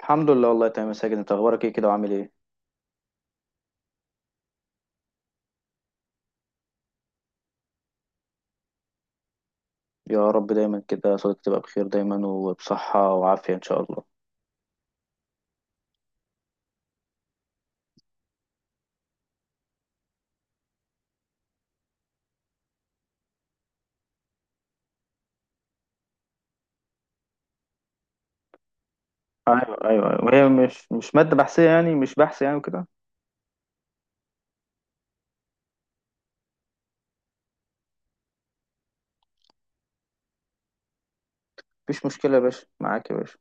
الحمد لله، والله تمام يا ساجد. انت اخبارك ايه كده وعامل ايه؟ يا رب دايما كده صوتك تبقى بخير دايما وبصحة وعافية ان شاء الله. ايوه ايوه ايوه، هي مش مادة بحثية، يعني مش بحث يعني وكده. مفيش مشكلة يا باشا، معاك يا باشا.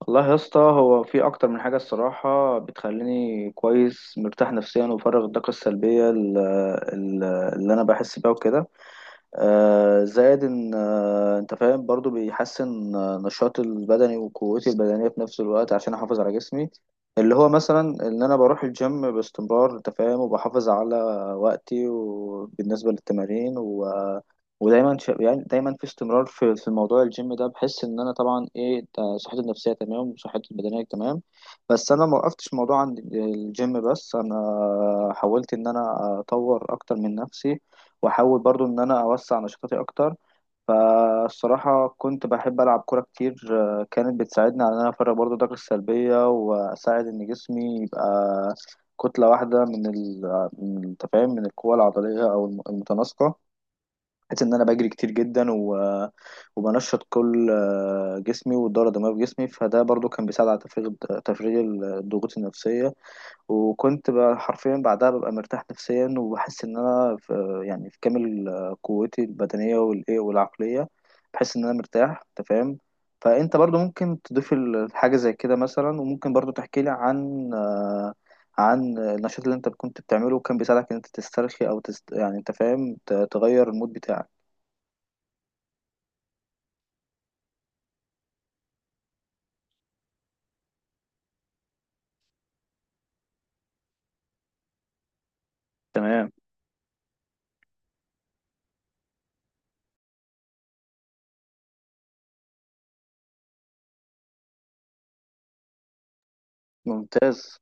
والله يا اسطى، هو في اكتر من حاجة الصراحة بتخليني كويس مرتاح نفسيا وبفرغ الطاقة السلبية ال- اللي انا بحس بيها وكده. زائد ان انت فاهم برضو بيحسن نشاطي البدني وقوتي البدنيه في نفس الوقت عشان احافظ على جسمي، اللي هو مثلا ان انا بروح الجيم باستمرار، انت فاهم، وبحافظ على وقتي وبالنسبه للتمارين ودايما يعني دايما في استمرار في موضوع الجيم ده. بحس ان انا طبعا ايه ده، صحتي النفسيه تمام وصحتي البدنيه تمام. بس انا ما وقفتش موضوع عند الجيم بس، انا حاولت ان انا اطور اكتر من نفسي واحاول برضو ان انا اوسع نشاطاتي اكتر. فالصراحة كنت بحب العب كورة كتير، كانت بتساعدني على ان انا افرغ برضو الطاقة السلبية واساعد ان جسمي يبقى كتلة واحدة من من التفاهم، من القوة العضلية او المتناسقة، بحيث ان انا بجري كتير جدا وبنشط كل جسمي والدورة الدموية في جسمي. فده برضو كان بيساعد على تفريغ الضغوط النفسية. وكنت بقى حرفيا بعدها ببقى مرتاح نفسيا وبحس ان انا في، يعني في كامل قوتي البدنيه والايه والعقليه، بحس ان انا مرتاح، انت فاهم. فانت برضو ممكن تضيف حاجه زي كده مثلا، وممكن برضو تحكي لي عن عن النشاط اللي انت كنت بتعمله وكان بيساعدك ان انت تسترخي او يعني انت فاهم، تغير المود بتاعك. تمام. ممتاز.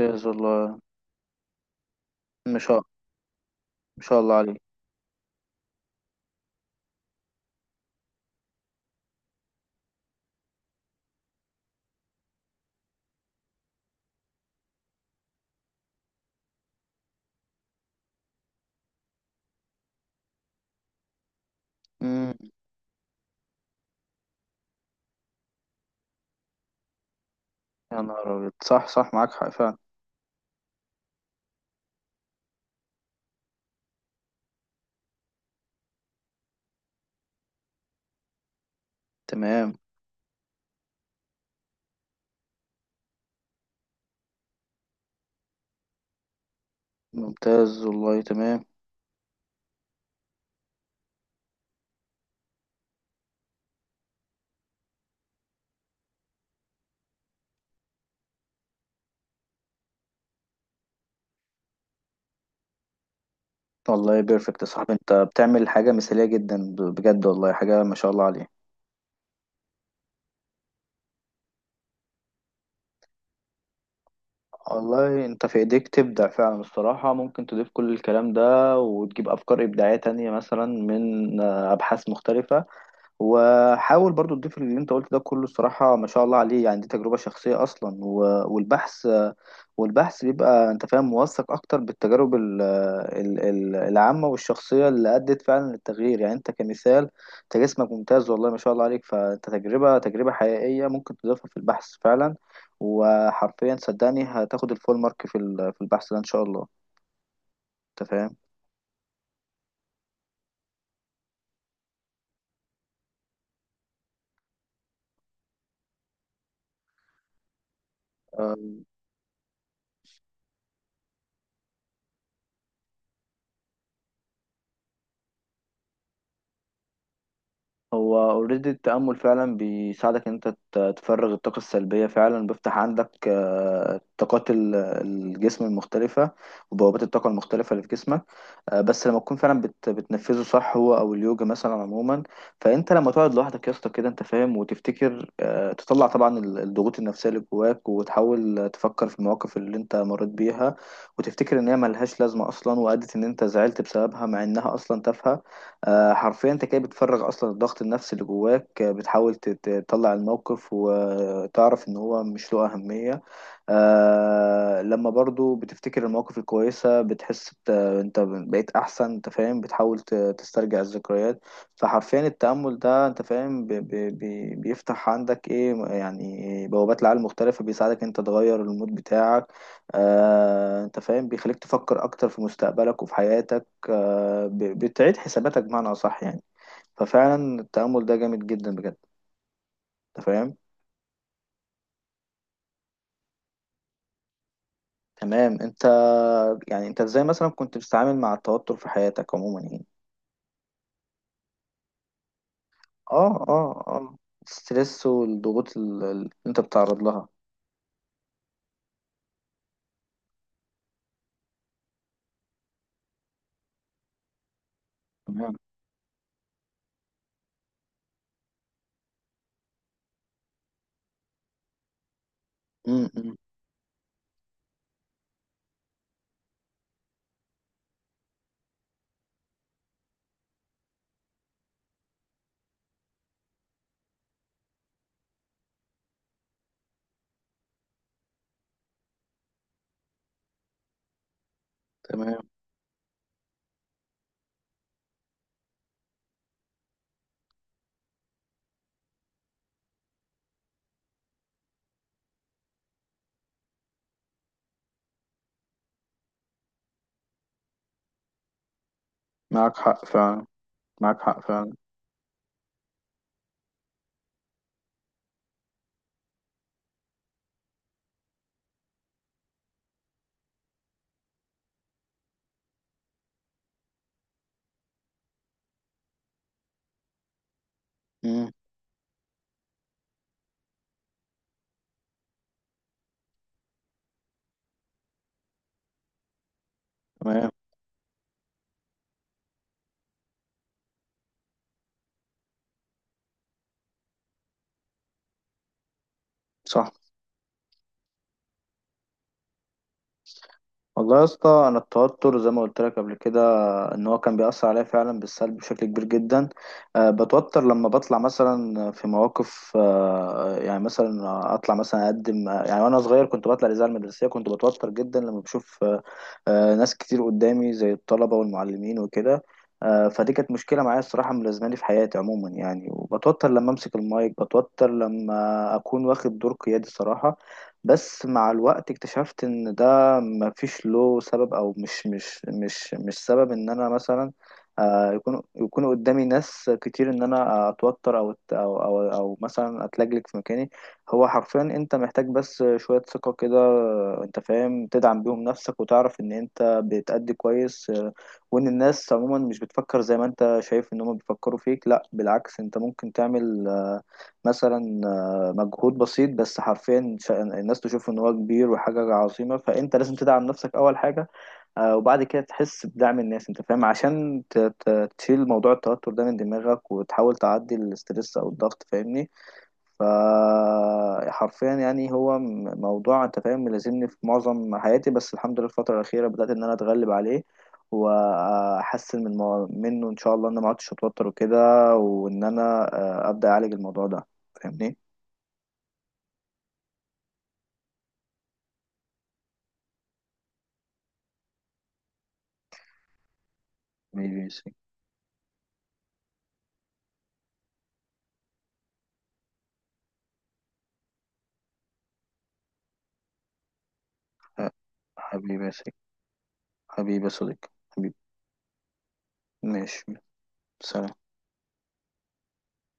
ممتاز والله. ما شاء، ما شاء الله عليك. امم. يا نهار ابيض، صح صح معاك حق فعلا. تمام. ممتاز والله. تمام. والله بيرفكت يا صاحبي، انت بتعمل حاجة مثالية جدا، بجد والله حاجة ما شاء الله عليها. والله انت في ايديك تبدع فعلا الصراحة، ممكن تضيف كل الكلام ده وتجيب افكار ابداعية تانية مثلا من ابحاث مختلفة. وحاول برضو تضيف اللي انت قلت ده كله، الصراحة ما شاء الله عليه، يعني دي تجربة شخصية أصلا. والبحث، والبحث بيبقى انت فاهم موثق أكتر بالتجارب العامة والشخصية اللي أدت فعلا للتغيير. يعني انت كمثال، انت جسمك ممتاز والله ما شاء الله عليك، فانت تجربة حقيقية ممكن تضيفها في البحث فعلا. وحرفيا صدقني هتاخد الفول مارك في البحث ده إن شاء الله. انت فاهم. هو اوريدي التأمل فعلا بيساعدك ان انت تفرغ الطاقة السلبية، فعلا بيفتح عندك طاقات الجسم المختلفة وبوابات الطاقة المختلفة اللي في جسمك. بس لما تكون فعلا بتنفذه صح، هو او اليوجا مثلا عموما. فانت لما تقعد لوحدك يا اسطى كده، انت فاهم، وتفتكر، تطلع طبعا الضغوط النفسية اللي جواك، وتحاول تفكر في المواقف اللي انت مريت بيها وتفتكر ان هي ملهاش لازمة اصلا، وادت ان انت زعلت بسببها مع انها اصلا تافهة. حرفيا انت كده بتفرغ اصلا الضغط النفسي اللي جواك، بتحاول تطلع الموقف وتعرف ان هو مش له اهمية. آه، لما برضو بتفتكر المواقف الكويسة بتحس انت بقيت احسن، انت فاهم، بتحاول تسترجع الذكريات. فحرفيا التأمل ده انت فاهم ب... بيفتح عندك ايه يعني، بوابات لعالم مختلفة، بيساعدك انت تغير المود بتاعك. آه انت فاهم، بيخليك تفكر اكتر في مستقبلك وفي حياتك. بتعيد حساباتك بمعنى أصح يعني. ففعلا التأمل ده جامد جدا بجد. أنت فاهم. تمام. أنت، يعني أنت إزاي مثلا كنت بتتعامل مع التوتر في حياتك عموما يعني؟ آه. الستريس والضغوط اللي أنت بتتعرض لها. تمام. م. تمام. معاك حق فعلا. معاك حق فعلا. م-. تمام. صح. والله يا اسطى، أنا التوتر زي ما قلت لك قبل كده، ان هو كان بيأثر عليا فعلا بالسلب بشكل كبير جدا. بتوتر لما بطلع مثلا في مواقف، يعني مثلا اطلع مثلا اقدم، يعني وانا صغير كنت بطلع الاذاعه المدرسيه، كنت بتوتر جدا لما بشوف ناس كتير قدامي زي الطلبه والمعلمين وكده. فدي كانت مشكله معايا الصراحه ملازماني في حياتي عموما يعني، وبتوتر لما امسك المايك، بتوتر لما اكون واخد دور قيادي صراحه. بس مع الوقت اكتشفت ان ده مفيش له سبب، او مش سبب ان انا مثلا يكون قدامي ناس كتير ان انا اتوتر او أو مثلا اتلجلج في مكاني. هو حرفيا انت محتاج بس شوية ثقة كده، انت فاهم، تدعم بيهم نفسك وتعرف ان انت بتأدي كويس، وان الناس عموما مش بتفكر زي ما انت شايف ان هم بيفكروا فيك، لا بالعكس. انت ممكن تعمل مثلا مجهود بسيط بس حرفيا الناس تشوف ان هو كبير وحاجة عظيمة، فانت لازم تدعم نفسك اول حاجة. وبعد كده تحس بدعم الناس، انت فاهم، عشان تشيل موضوع التوتر ده من دماغك وتحاول تعدي الاسترس او الضغط، فاهمني؟ فحرفيا يعني هو موضوع انت فاهم ملازمني في معظم حياتي، بس الحمد لله الفترة الأخيرة بدأت ان انا اتغلب عليه واحسن منه، ان شاء الله ان انا ما عدتش اتوتر وكده، وان انا ابدا اعالج الموضوع ده، فاهمني. ماشي. أه، حبيبي يا سيدي. حبيبي يا صديقي. حبيبي. ماشي. سلام.